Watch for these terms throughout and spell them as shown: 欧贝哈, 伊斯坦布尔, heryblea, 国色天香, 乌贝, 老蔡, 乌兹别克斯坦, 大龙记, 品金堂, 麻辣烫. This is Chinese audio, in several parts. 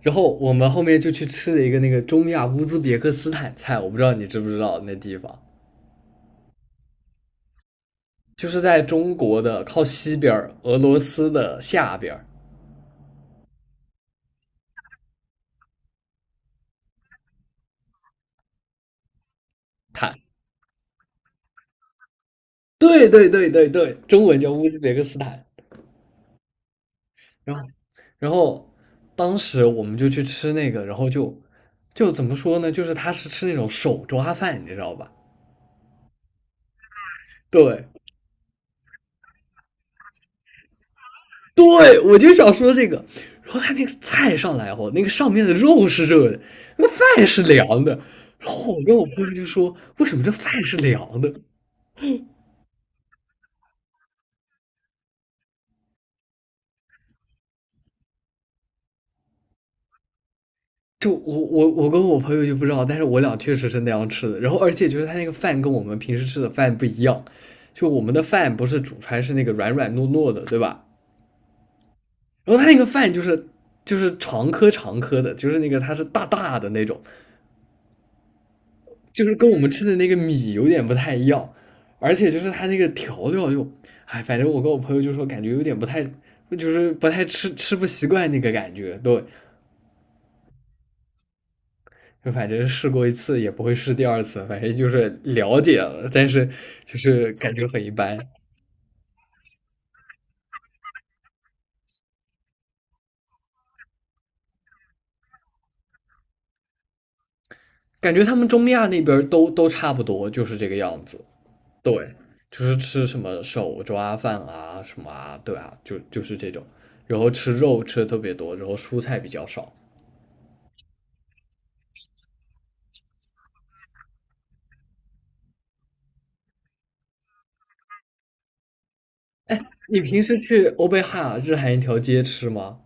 然后我们后面就去吃了一个那个中亚乌兹别克斯坦菜，我不知道你知不知道那地方，就是在中国的靠西边俄罗斯的下边儿。坦，对对对对对，中文叫乌兹别克斯坦。然后，然后当时我们就去吃那个，然后就怎么说呢？就是他是吃那种手抓饭，你知道吧？对，对，我就想说这个。然后他那个菜上来后，那个上面的肉是热的，那个饭是凉的。然后我跟我朋友就说："为什么这饭是凉的？"就我跟我朋友就不知道，但是我俩确实是那样吃的。然后而且就是他那个饭跟我们平时吃的饭不一样，就我们的饭不是煮出来是那个软软糯糯的，对吧？然后他那个饭就是长颗长颗的，就是那个它是大大的那种，就是跟我们吃的那个米有点不太一样，而且就是它那个调料又，哎，反正我跟我朋友就说感觉有点不太，就是不太吃不习惯那个感觉，对，就反正试过一次也不会试第二次，反正就是了解了，但是就是感觉很一般，感觉他们中亚那边儿都差不多，就是这个样子，对，就是吃什么手抓饭啊什么啊，对啊，就是这种，然后吃肉吃的特别多，然后蔬菜比较少。你平时去欧贝哈日韩一条街吃吗？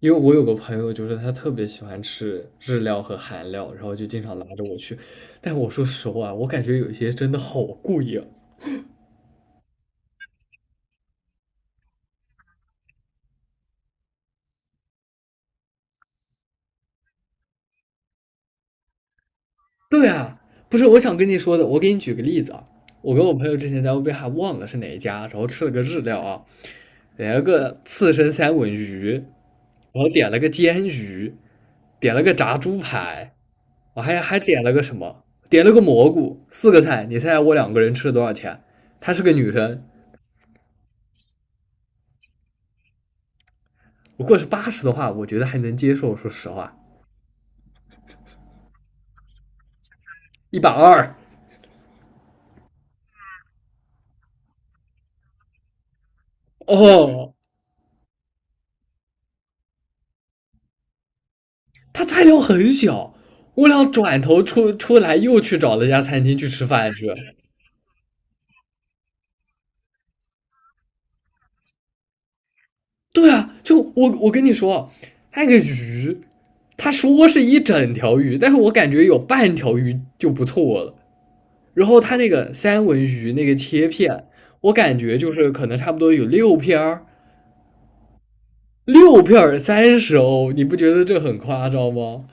因为我有个朋友，就是他特别喜欢吃日料和韩料，然后就经常拉着我去。但我说实话，我感觉有一些真的好贵呀。对啊，不是我想跟你说的，我给你举个例子啊，我跟我朋友之前在乌贝还忘了是哪一家，然后吃了个日料啊，点了个刺身三文鱼，然后点了个煎鱼，点了个炸猪排，我还点了个什么，点了个蘑菇，4个菜，你猜猜我2个人吃了多少钱？她是个女生，如果是80的话，我觉得还能接受，说实话，一百二哦，他菜量很小，我俩转头出来又去找了一家餐厅去吃饭去。对啊，就我跟你说，那个鱼，他说是一整条鱼，但是我感觉有半条鱼就不错了。然后他那个三文鱼那个切片，我感觉就是可能差不多有六片儿，六片儿三十欧，你不觉得这很夸张吗？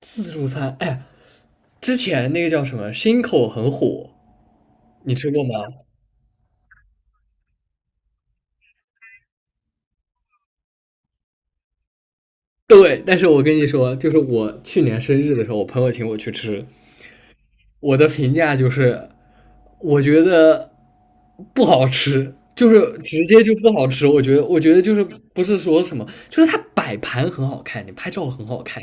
自助餐，哎，之前那个叫什么 s 口很火，你吃过吗？对，但是我跟你说，就是我去年生日的时候，我朋友请我去吃，我的评价就是，我觉得不好吃，就是直接就不好吃。我觉得，我觉得就是不是说什么，就是它摆盘很好看，你拍照很好看，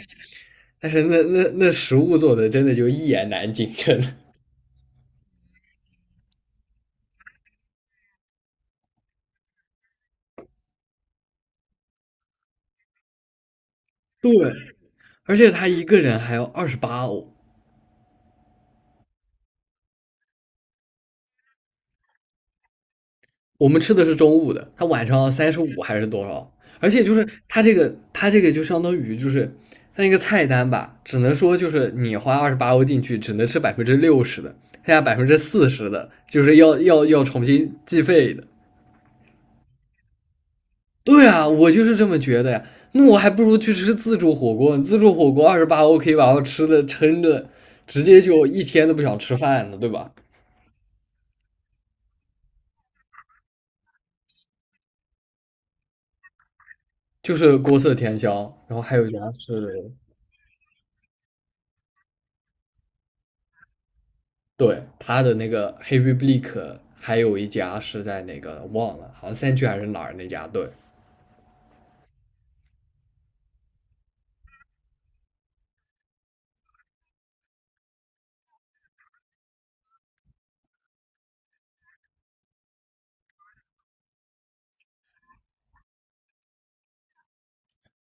但是那食物做的真的就一言难尽，真的。对，而且他一个人还要二十八欧，我们吃的是中午的，他晚上35还是多少？而且就是他这个他这个就相当于就是他那个菜单吧，只能说就是你花二十八欧进去，只能吃60%的，剩下40%的就是要重新计费的。对啊，我就是这么觉得呀。那我还不如去吃自助火锅，自助火锅二十八欧可以把我吃的撑着，直接就一天都不想吃饭了，对吧？就是国色天香，然后还有一家是对，他的那个 h e r y b l e a 还有一家是在哪个忘了，好像三区还是哪儿那家，对，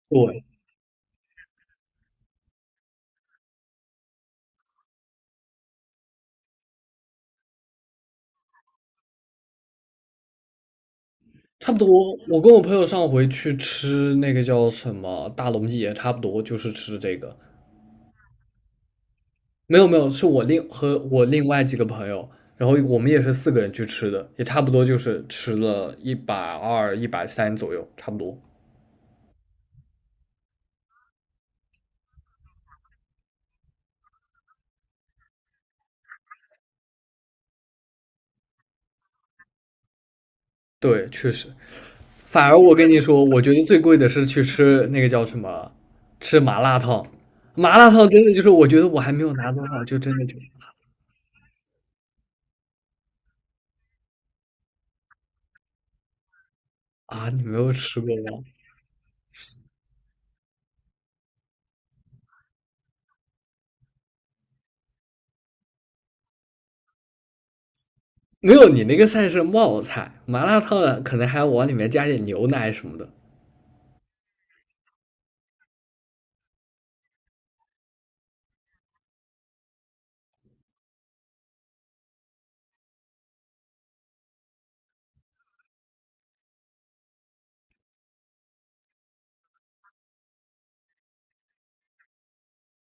对，差不多。我跟我朋友上回去吃那个叫什么大龙记，也差不多就是吃这个。没有没有，是我和我另外几个朋友，然后我们也是4个人去吃的，也差不多就是吃了一百二、130左右，差不多。对，确实。反而我跟你说，我觉得最贵的是去吃那个叫什么，吃麻辣烫。麻辣烫真的就是，我觉得我还没有拿多少，就真的就啊，你没有吃过吗？没有，你那个算是冒菜，麻辣烫可能还要往里面加点牛奶什么的。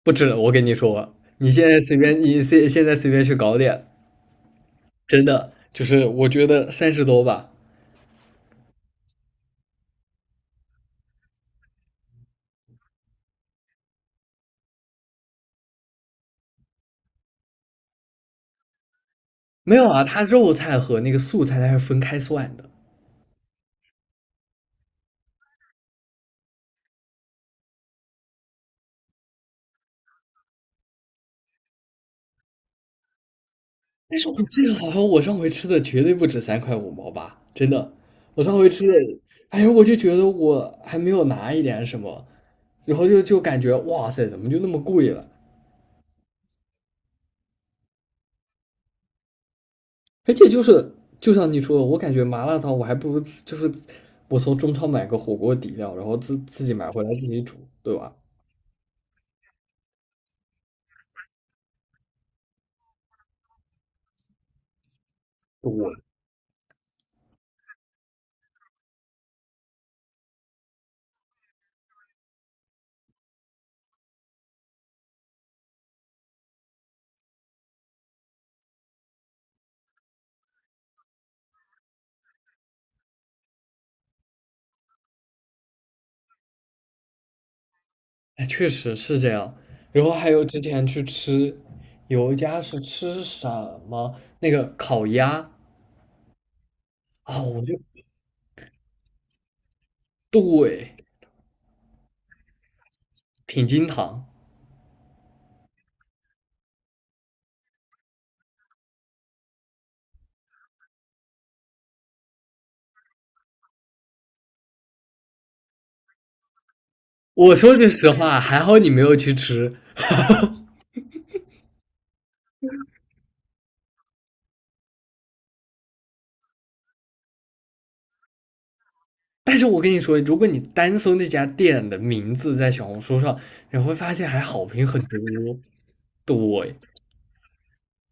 不止，我跟你说，你现在随便，你现在随便去搞点，真的就是我觉得三十多吧。没有啊，它肉菜和那个素菜它是分开算的。但是我记得好像我上回吃的绝对不止三块五毛吧，真的，我上回吃的，哎呦，我就觉得我还没有拿一点什么，然后就感觉哇塞，怎么就那么贵了？而且就是就像你说的，我感觉麻辣烫我还不如就是我从中超买个火锅底料，然后自己买回来自己煮，对吧？我哎，确实是这样。然后还有之前去吃，有一家是吃什么那个烤鸭啊，对。品金堂。我说句实话，还好你没有去吃。但是我跟你说，如果你单搜那家店的名字在小红书上，你会发现还好评很多。对，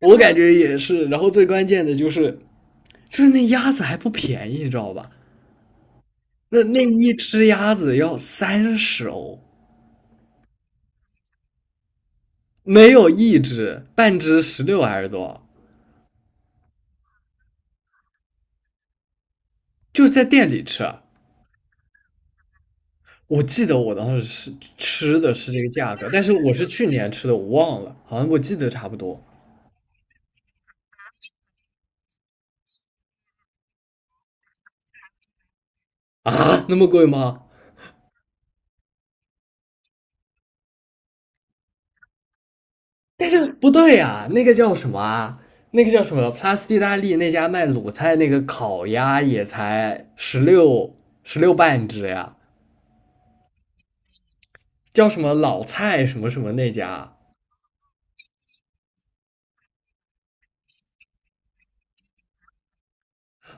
我感觉也是。然后最关键的就是，就是那鸭子还不便宜，你知道吧？那一只鸭子要三十欧，没有一只，半只十六还是多少？就在店里吃啊。我记得我当时是吃的是这个价格，但是我是去年吃的，我忘了，好像我记得差不多啊，那么贵吗？不对呀。那个叫什么啊？那个叫什么？Plus 意大利那家卖卤菜那个烤鸭也才十六半只呀，叫什么老蔡什么什么那家？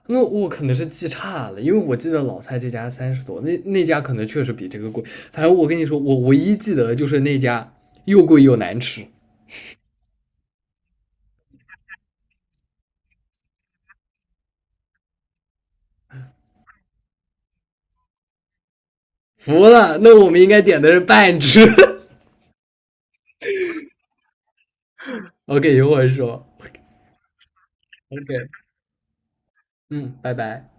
那我可能是记差了，因为我记得老蔡这家三十多，那家可能确实比这个贵。反正我跟你说，我唯一记得的就是那家又贵又难吃。服了，那我们应该点的是半只。OK，一会儿说。OK，嗯，拜拜。